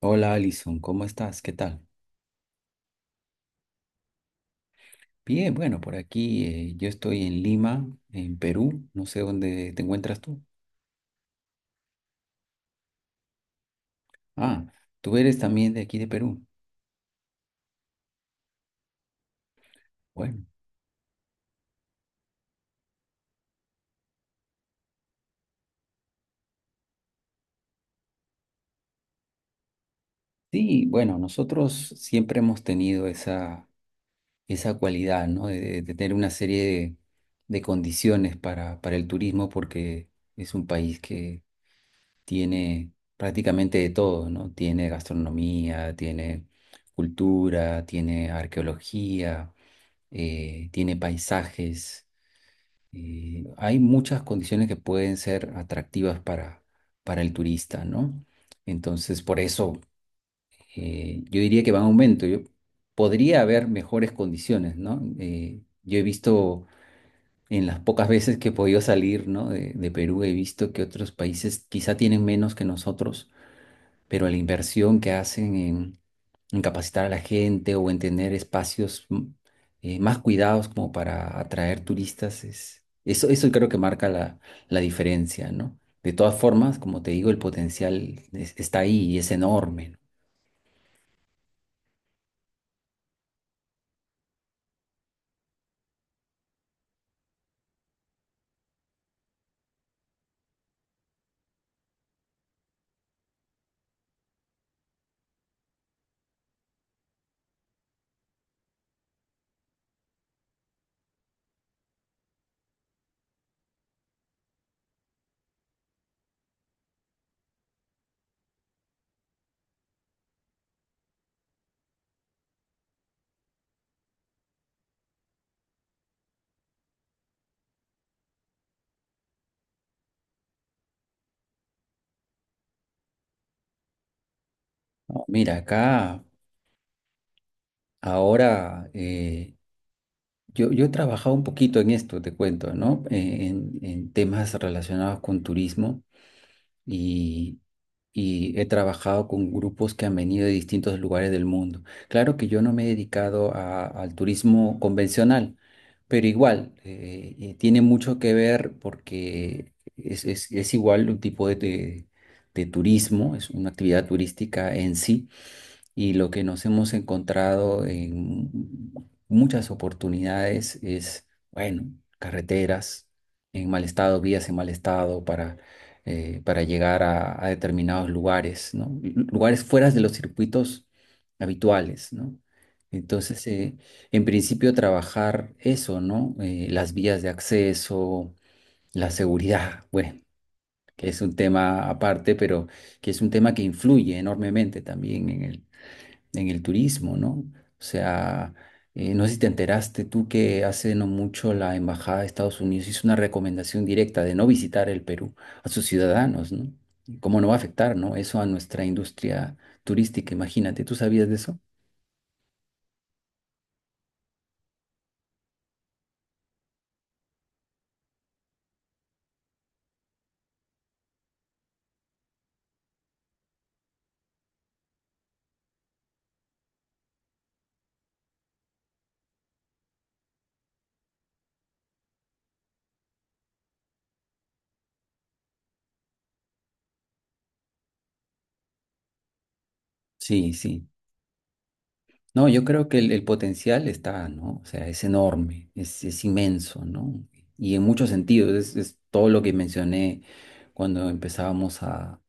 Hola, Alison, ¿cómo estás? ¿Qué tal? Bien, bueno, por aquí yo estoy en Lima, en Perú. No sé dónde te encuentras tú. Ah, tú eres también de aquí de Perú. Bueno, sí, bueno, nosotros siempre hemos tenido esa cualidad, ¿no? De tener una serie de condiciones para el turismo, porque es un país que tiene prácticamente de todo, ¿no? Tiene gastronomía, tiene cultura, tiene arqueología, tiene paisajes. Hay muchas condiciones que pueden ser atractivas para el turista, ¿no? Entonces, por eso, yo diría que va en aumento. Podría haber mejores condiciones, ¿no? Yo he visto, en las pocas veces que he podido salir, ¿no?, de Perú, he visto que otros países quizá tienen menos que nosotros, pero la inversión que hacen en capacitar a la gente o en tener espacios más cuidados como para atraer turistas, eso creo que marca la diferencia, ¿no? De todas formas, como te digo, el potencial está ahí y es enorme, ¿no? No, mira, acá ahora, yo he trabajado un poquito en esto, te cuento, ¿no? En temas relacionados con turismo, y he trabajado con grupos que han venido de distintos lugares del mundo. Claro que yo no me he dedicado al turismo convencional, pero igual, tiene mucho que ver, porque es igual un tipo de turismo, es una actividad turística en sí. Y lo que nos hemos encontrado en muchas oportunidades es, bueno, carreteras en mal estado, vías en mal estado para llegar a determinados lugares, ¿no? Lugares fuera de los circuitos habituales, ¿no? Entonces, en principio, trabajar eso, ¿no? Las vías de acceso, la seguridad, bueno, que es un tema aparte, pero que es un tema que influye enormemente también en el turismo, ¿no? O sea, no sé si te enteraste tú que hace no mucho la Embajada de Estados Unidos hizo una recomendación directa de no visitar el Perú a sus ciudadanos, ¿no? ¿Cómo no va a afectar ¿no? eso a nuestra industria turística? Imagínate. ¿Tú sabías de eso? Sí, sí. No, yo creo que el potencial está, ¿no? O sea, es enorme, es inmenso, ¿no? Y en muchos sentidos, es todo lo que mencioné cuando empezábamos a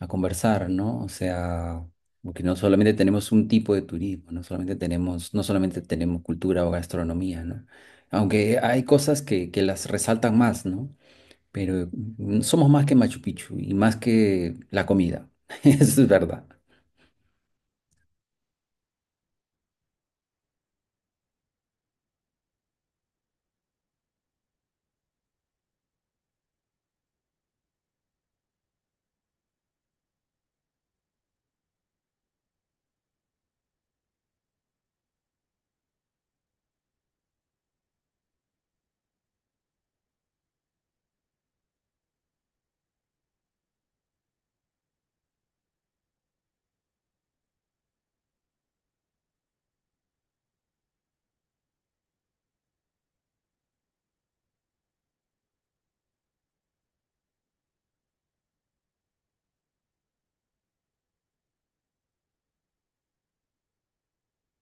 a conversar, ¿no? O sea, porque no solamente tenemos un tipo de turismo, no solamente tenemos cultura o gastronomía, ¿no? Aunque hay cosas que las resaltan más, ¿no? Pero somos más que Machu Picchu y más que la comida. Eso es verdad.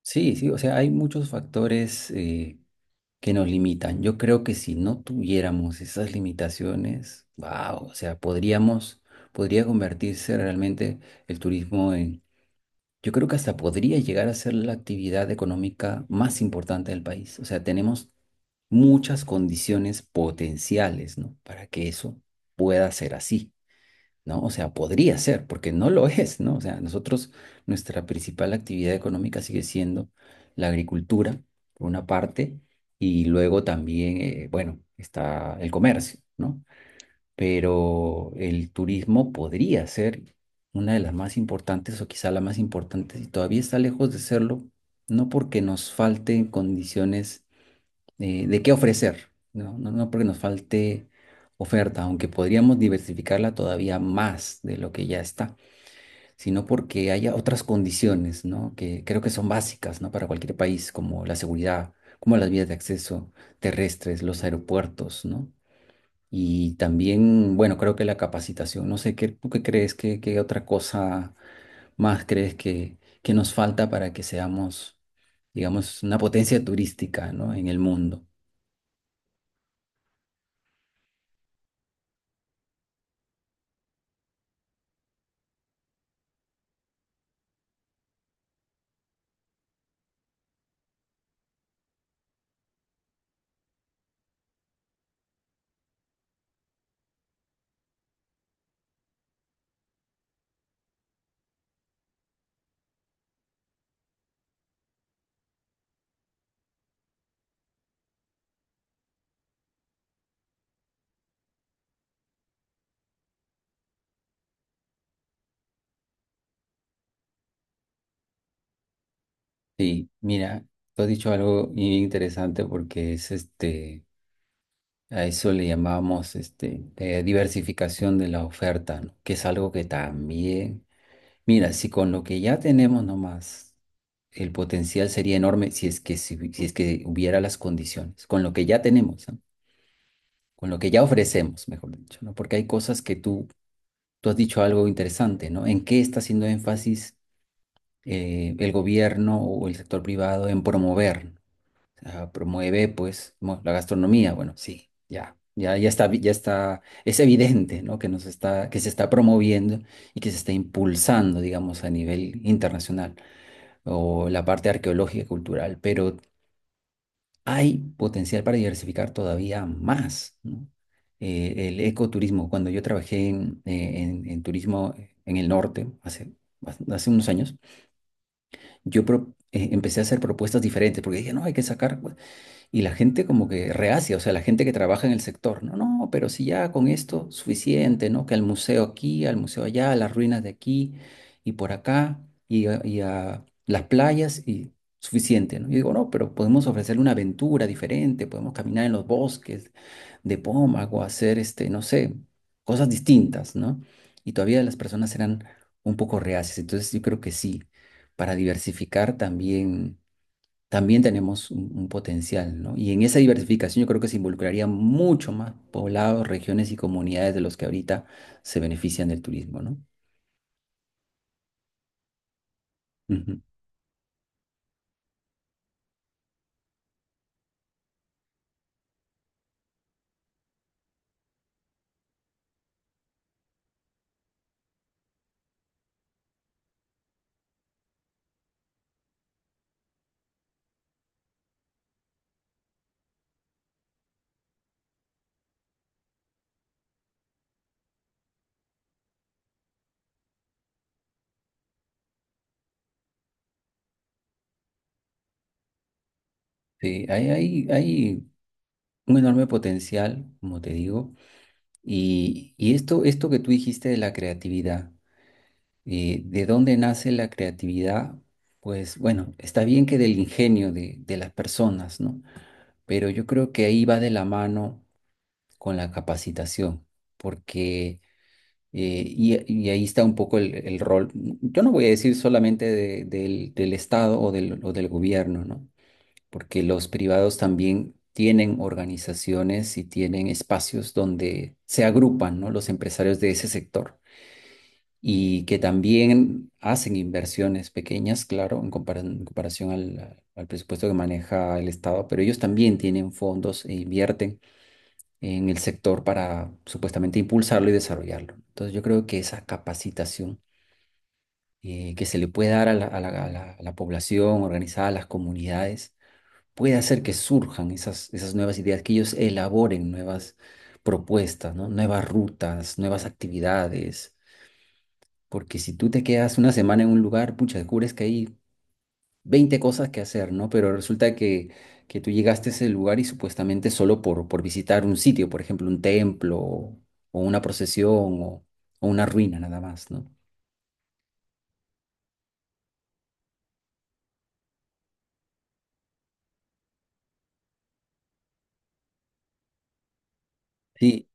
Sí, sí, o sea, hay muchos factores que nos limitan. Yo creo que si no tuviéramos esas limitaciones, wow, o sea, podría convertirse realmente el turismo... Yo creo que hasta podría llegar a ser la actividad económica más importante del país. O sea, tenemos muchas condiciones potenciales, ¿no?, para que eso pueda ser así, ¿no? O sea, podría ser, porque no lo es, ¿no? O sea, nuestra principal actividad económica sigue siendo la agricultura, por una parte, y luego también, bueno, está el comercio, ¿no? Pero el turismo podría ser una de las más importantes, o quizá la más importante, y todavía está lejos de serlo, no porque nos falte condiciones, de qué ofrecer, ¿no? No, no porque nos falte oferta, aunque podríamos diversificarla todavía más de lo que ya está, sino porque haya otras condiciones, ¿no?, que creo que son básicas, ¿no?, para cualquier país, como la seguridad, como las vías de acceso terrestres, los aeropuertos, ¿no? Y también, bueno, creo que la capacitación, no sé, ¿qué, tú qué crees? Qué otra cosa más crees que nos falta para que seamos, digamos, una potencia turística, ¿no?, en el mundo? Sí, mira, tú has dicho algo bien interesante, porque es este, a eso le llamamos este, diversificación de la oferta, ¿no? Que es algo que también... Mira, si con lo que ya tenemos nomás, el potencial sería enorme si es que, si es que hubiera las condiciones, con lo que ya tenemos, ¿no? Con lo que ya ofrecemos, mejor dicho, ¿no? Porque hay cosas que tú has dicho algo interesante, ¿no? ¿En qué está haciendo énfasis, el gobierno o el sector privado, en promover? Ah, promueve, pues, la gastronomía, bueno, sí, ya. Ya está, ya está, es evidente, ¿no? Que nos está, que se está promoviendo y que se está impulsando, digamos, a nivel internacional, o la parte arqueológica y cultural, pero hay potencial para diversificar todavía más, ¿no? El ecoturismo, cuando yo trabajé en, en turismo en el norte hace, hace unos años, empecé a hacer propuestas diferentes, porque dije, no, hay que sacar. Y la gente como que reacia, o sea, la gente que trabaja en el sector, no, pero si ya con esto suficiente, ¿no? Que al museo aquí, al museo allá, a las ruinas de aquí y por acá y a las playas y suficiente, ¿no? Y digo, no, pero podemos ofrecerle una aventura diferente, podemos caminar en los bosques de Pómago, hacer, este, no sé, cosas distintas, ¿no? Y todavía las personas eran un poco reacias, entonces yo creo que sí, para diversificar también también tenemos un potencial, ¿no? Y en esa diversificación yo creo que se involucraría mucho más poblados, regiones y comunidades de los que ahorita se benefician del turismo, ¿no? Ujú. Sí, hay un enorme potencial, como te digo, y esto que tú dijiste de la creatividad, ¿de dónde nace la creatividad? Pues bueno, está bien que del ingenio de las personas, ¿no? Pero yo creo que ahí va de la mano con la capacitación, porque... y ahí está un poco el rol. Yo no voy a decir solamente del Estado o del gobierno, ¿no? Porque los privados también tienen organizaciones y tienen espacios donde se agrupan, ¿no? Los empresarios de ese sector, y que también hacen inversiones pequeñas, claro, en en comparación al presupuesto que maneja el Estado, pero ellos también tienen fondos e invierten en el sector para supuestamente impulsarlo y desarrollarlo. Entonces yo creo que esa capacitación, que se le puede dar a a la población organizada, a las comunidades, puede hacer que surjan esas nuevas ideas, que ellos elaboren nuevas propuestas, ¿no? Nuevas rutas, nuevas actividades. Porque si tú te quedas una semana en un lugar, pucha, descubres que hay 20 cosas que hacer, ¿no? Pero resulta que tú llegaste a ese lugar y supuestamente solo por visitar un sitio, por ejemplo, un templo o una procesión o una ruina nada más, ¿no? Sí,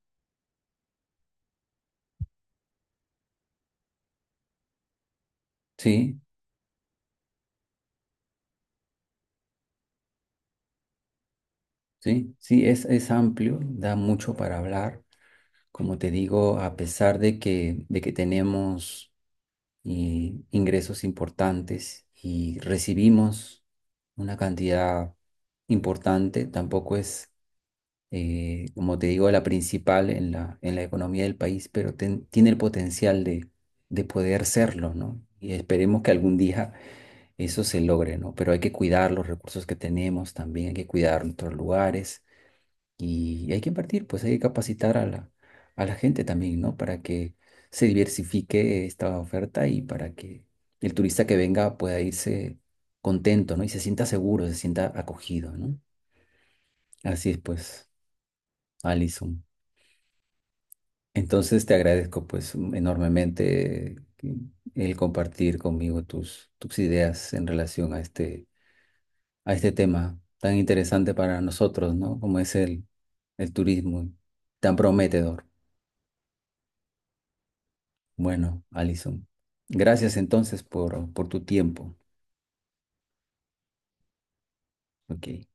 sí, sí, es amplio, da mucho para hablar. Como te digo, a pesar de de que tenemos ingresos importantes y recibimos una cantidad importante, tampoco es, como te digo, la principal en en la economía del país, pero tiene el potencial de poder serlo, ¿no? Y esperemos que algún día eso se logre, ¿no? Pero hay que cuidar los recursos que tenemos, también hay que cuidar nuestros lugares y hay que invertir, pues hay que capacitar a a la gente también, ¿no? Para que se diversifique esta oferta y para que el turista que venga pueda irse contento, ¿no? Y se sienta seguro, se sienta acogido, ¿no? Así es, pues, Alison. Entonces te agradezco, pues, enormemente el compartir conmigo tus ideas en relación a este tema tan interesante para nosotros, ¿no? Como es el turismo, tan prometedor. Bueno, Alison, gracias entonces por tu tiempo. Ok.